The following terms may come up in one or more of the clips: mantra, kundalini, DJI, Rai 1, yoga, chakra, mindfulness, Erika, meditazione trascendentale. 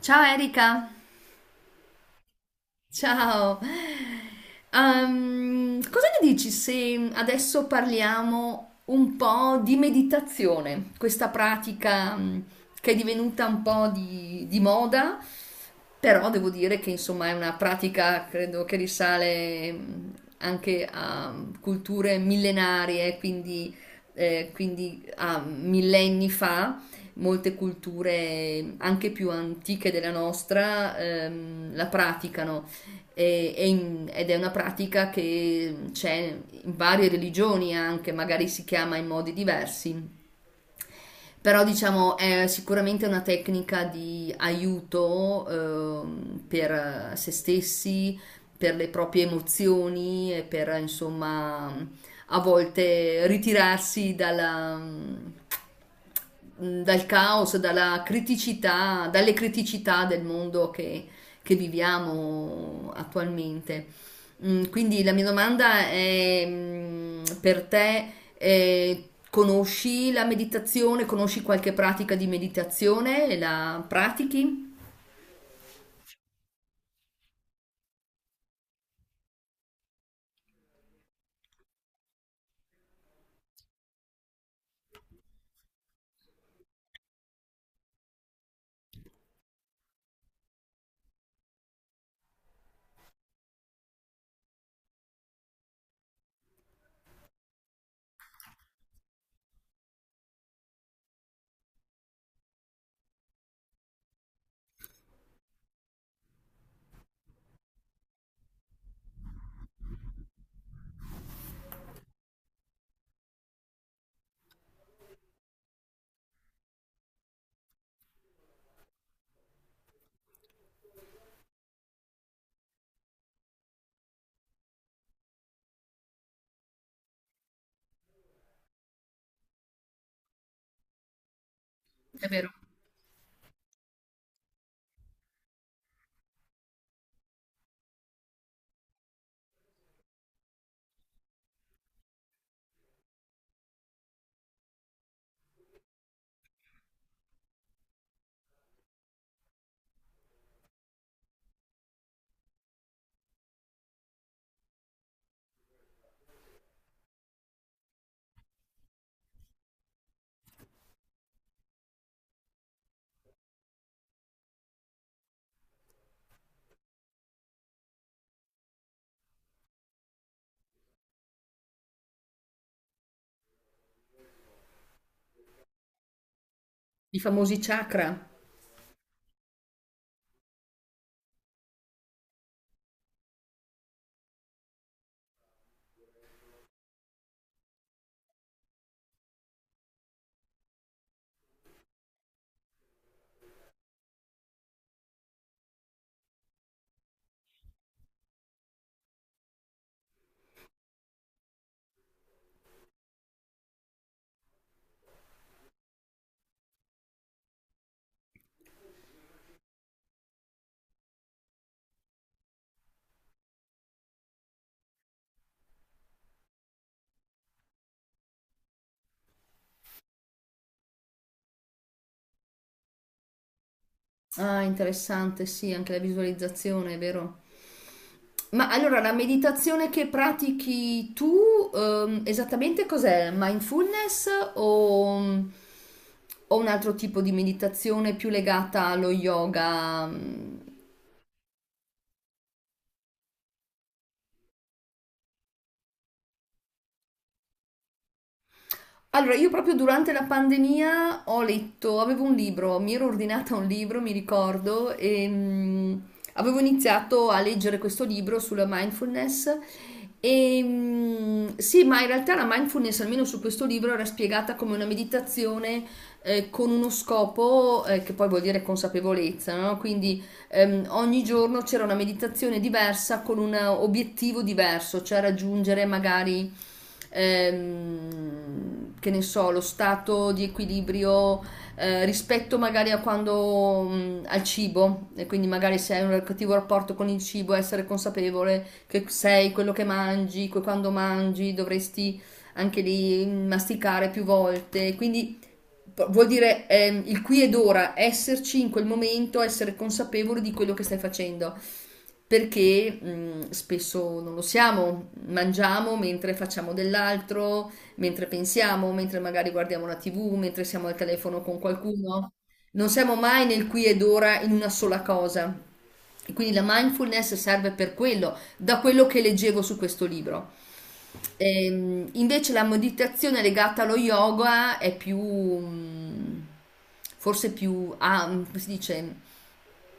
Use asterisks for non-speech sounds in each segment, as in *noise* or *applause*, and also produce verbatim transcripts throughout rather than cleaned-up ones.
Ciao Erika! Ciao. Ehm, cosa ne dici se adesso parliamo un po' di meditazione, questa pratica mh, che è divenuta un po' di, di moda, però devo dire che insomma è una pratica credo che risale mh, anche a culture millenarie, quindi, eh, quindi a millenni fa molte culture anche più antiche della nostra ehm, la praticano. E- e in- ed è una pratica che c'è in varie religioni anche, magari si chiama in modi diversi, però diciamo è sicuramente una tecnica di aiuto ehm, per se stessi, per le proprie emozioni e per insomma a volte ritirarsi dalla, mm, dal caos, dalla criticità, dalle criticità del mondo che che viviamo attualmente. Mm, Quindi la mia domanda è, mm, per te, eh, conosci la meditazione? Conosci qualche pratica di meditazione? La pratichi? È vero. I famosi chakra. Ah, interessante, sì, anche la visualizzazione, è vero. Ma allora la meditazione che pratichi tu, ehm, esattamente cos'è? Mindfulness o, o un altro tipo di meditazione più legata allo yoga? mm, Allora, io proprio durante la pandemia ho letto, avevo un libro, mi ero ordinata un libro, mi ricordo, e mm, avevo iniziato a leggere questo libro sulla mindfulness. E mm, sì, ma in realtà la mindfulness, almeno su questo libro, era spiegata come una meditazione eh, con uno scopo eh, che poi vuol dire consapevolezza, no? Quindi ehm, ogni giorno c'era una meditazione diversa con un obiettivo diverso, cioè raggiungere magari, ehm, che ne so, lo stato di equilibrio eh, rispetto magari a quando, mh, al cibo, e quindi magari se hai un cattivo rapporto con il cibo, essere consapevole che sei quello che mangi, che quando mangi dovresti anche lì masticare più volte, quindi vuol dire ehm, il qui ed ora, esserci in quel momento, essere consapevoli di quello che stai facendo. Perché mh, spesso non lo siamo, mangiamo mentre facciamo dell'altro, mentre pensiamo, mentre magari guardiamo la ti vu, mentre siamo al telefono con qualcuno. Non siamo mai nel qui ed ora in una sola cosa. E quindi la mindfulness serve per quello, da quello che leggevo su questo libro. Ehm, invece la meditazione legata allo yoga è più, mm, forse più, ah, mm, come si dice,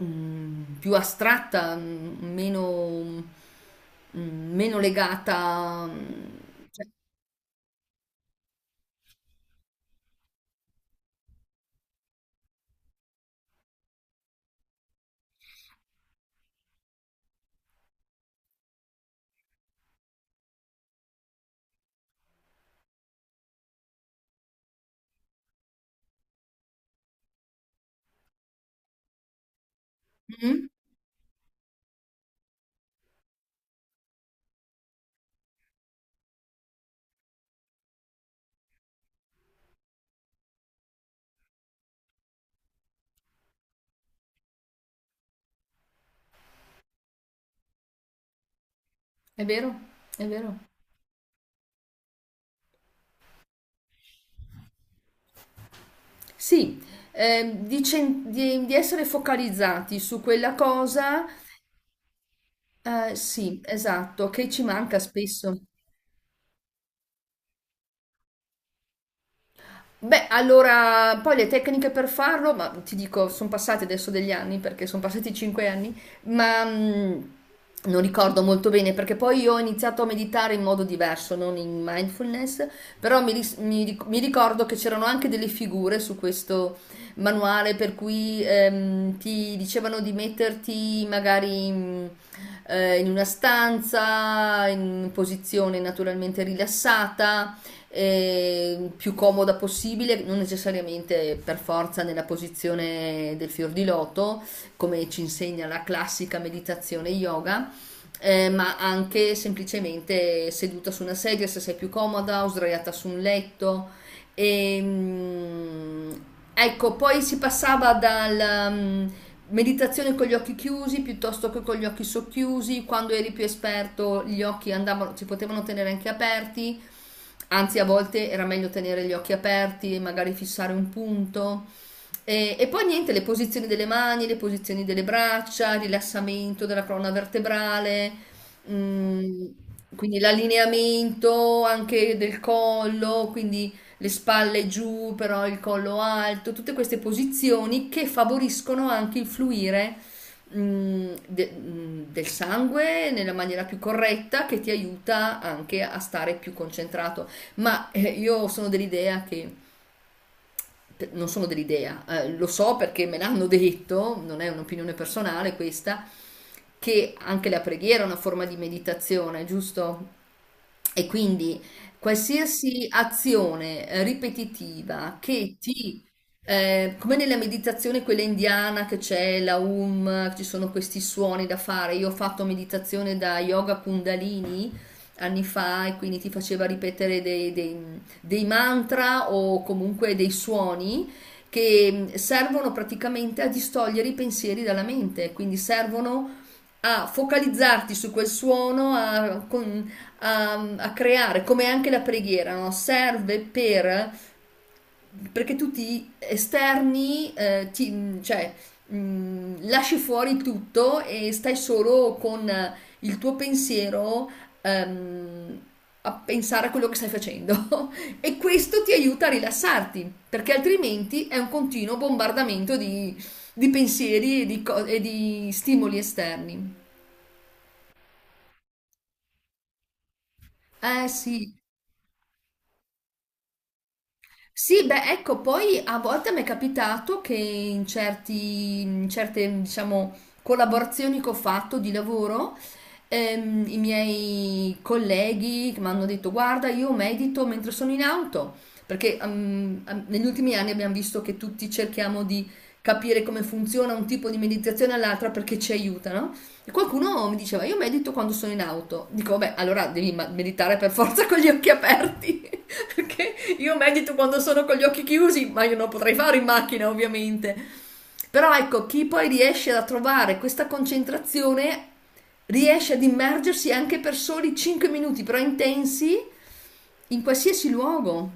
mm, più astratta, mm, meno, mm, meno legata. mm, cioè- Mm, è vero, è vero. Sì, ehm, di, cen- di- di essere focalizzati su quella cosa, eh, sì, esatto, che ci manca spesso. Beh, allora, poi le tecniche per farlo, ma ti dico, sono passati adesso degli anni, perché sono passati cinque anni, ma mh, non ricordo molto bene, perché poi io ho iniziato a meditare in modo diverso, non in mindfulness, però mi, ris- mi ric- mi ricordo che c'erano anche delle figure su questo manuale per cui ehm, ti dicevano di metterti magari... mh, eh, in una stanza, in posizione naturalmente rilassata, eh, più comoda possibile, non necessariamente per forza nella posizione del fior di loto, come ci insegna la classica meditazione yoga. Eh, ma anche semplicemente seduta su una sedia se sei più comoda o sdraiata su un letto e, mm, ecco, poi si passava dalla mm, meditazione con gli occhi chiusi piuttosto che con gli occhi socchiusi, quando eri più esperto gli occhi andavano, si potevano tenere anche aperti, anzi a volte era meglio tenere gli occhi aperti e magari fissare un punto. E, e poi niente, le posizioni delle mani, le posizioni delle braccia, il rilassamento della colonna vertebrale, mm, quindi l'allineamento anche del collo, quindi le spalle giù, però il collo alto, tutte queste posizioni che favoriscono anche il fluire mh, de- mh, del sangue nella maniera più corretta che ti aiuta anche a stare più concentrato. Ma eh, io sono dell'idea che non sono dell'idea, eh, lo so perché me l'hanno detto, non è un'opinione personale questa, che anche la preghiera è una forma di meditazione, giusto? E quindi qualsiasi azione eh, ripetitiva che ti, eh, come nella meditazione quella indiana che c'è la um, ci sono questi suoni da fare, io ho fatto meditazione da yoga kundalini anni fa e quindi ti faceva ripetere dei, dei- dei mantra o comunque dei suoni che mm, servono praticamente a distogliere i pensieri dalla mente, quindi servono a focalizzarti su quel suono, a, con- a- a creare, come anche la preghiera, no? Serve per perché tu ti esterni, eh, ti- cioè mh, lasci fuori tutto e stai solo con il tuo pensiero ehm, a pensare a quello che stai facendo *laughs* e questo ti aiuta a rilassarti perché altrimenti è un continuo bombardamento di, di pensieri e di, co- e di stimoli esterni. Eh sì, sì, beh, ecco, poi a volte mi è capitato che in certi, in certe, diciamo, collaborazioni che ho fatto di lavoro, ehm, i miei colleghi che mi hanno detto, guarda, io medito mentre sono in auto, perché ehm, ehm, negli ultimi anni abbiamo visto che tutti cerchiamo di capire come funziona un tipo di meditazione all'altra perché ci aiutano e qualcuno mi diceva, io medito quando sono in auto. Dico, vabbè, allora devi ma- meditare per forza con gli occhi aperti. *laughs* Perché io medito quando sono con gli occhi chiusi, ma io non potrei fare in macchina, ovviamente. Però ecco, chi poi riesce a trovare questa concentrazione riesce ad immergersi anche per soli cinque minuti, però intensi, in qualsiasi luogo.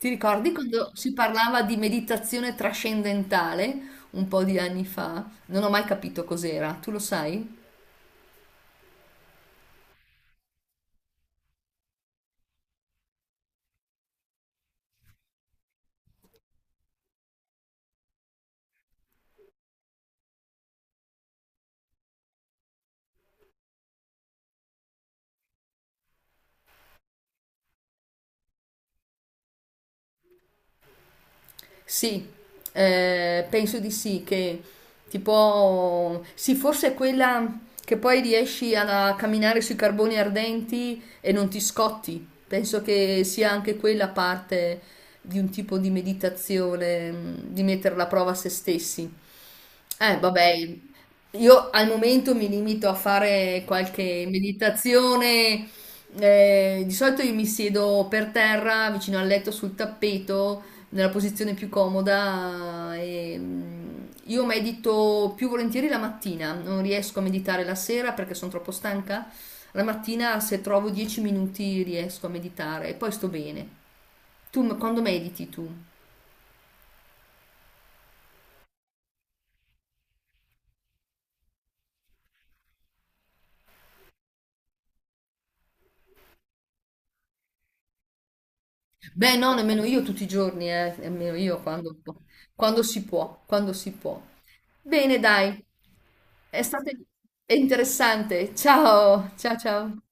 Ti ricordi quando si parlava di meditazione trascendentale un po' di anni fa? Non ho mai capito cos'era, tu lo sai? Sì, eh, penso di sì, che tipo, sì, forse è quella che poi riesci a camminare sui carboni ardenti e non ti scotti. Penso che sia anche quella parte di un tipo di meditazione, mh, di mettere alla prova se stessi. Eh, vabbè, io al momento mi limito a fare qualche meditazione. Eh, di solito io mi siedo per terra, vicino al letto, sul tappeto nella posizione più comoda. E, mm, io medito più volentieri la mattina, non riesco a meditare la sera perché sono troppo stanca. La mattina, se trovo dieci minuti, riesco a meditare e poi sto bene. Tu m- quando mediti tu? Beh, no, nemmeno io tutti i giorni, eh, nemmeno io quando, quando si può, quando si può. Bene, dai, è stato interessante. Ciao, ciao, ciao.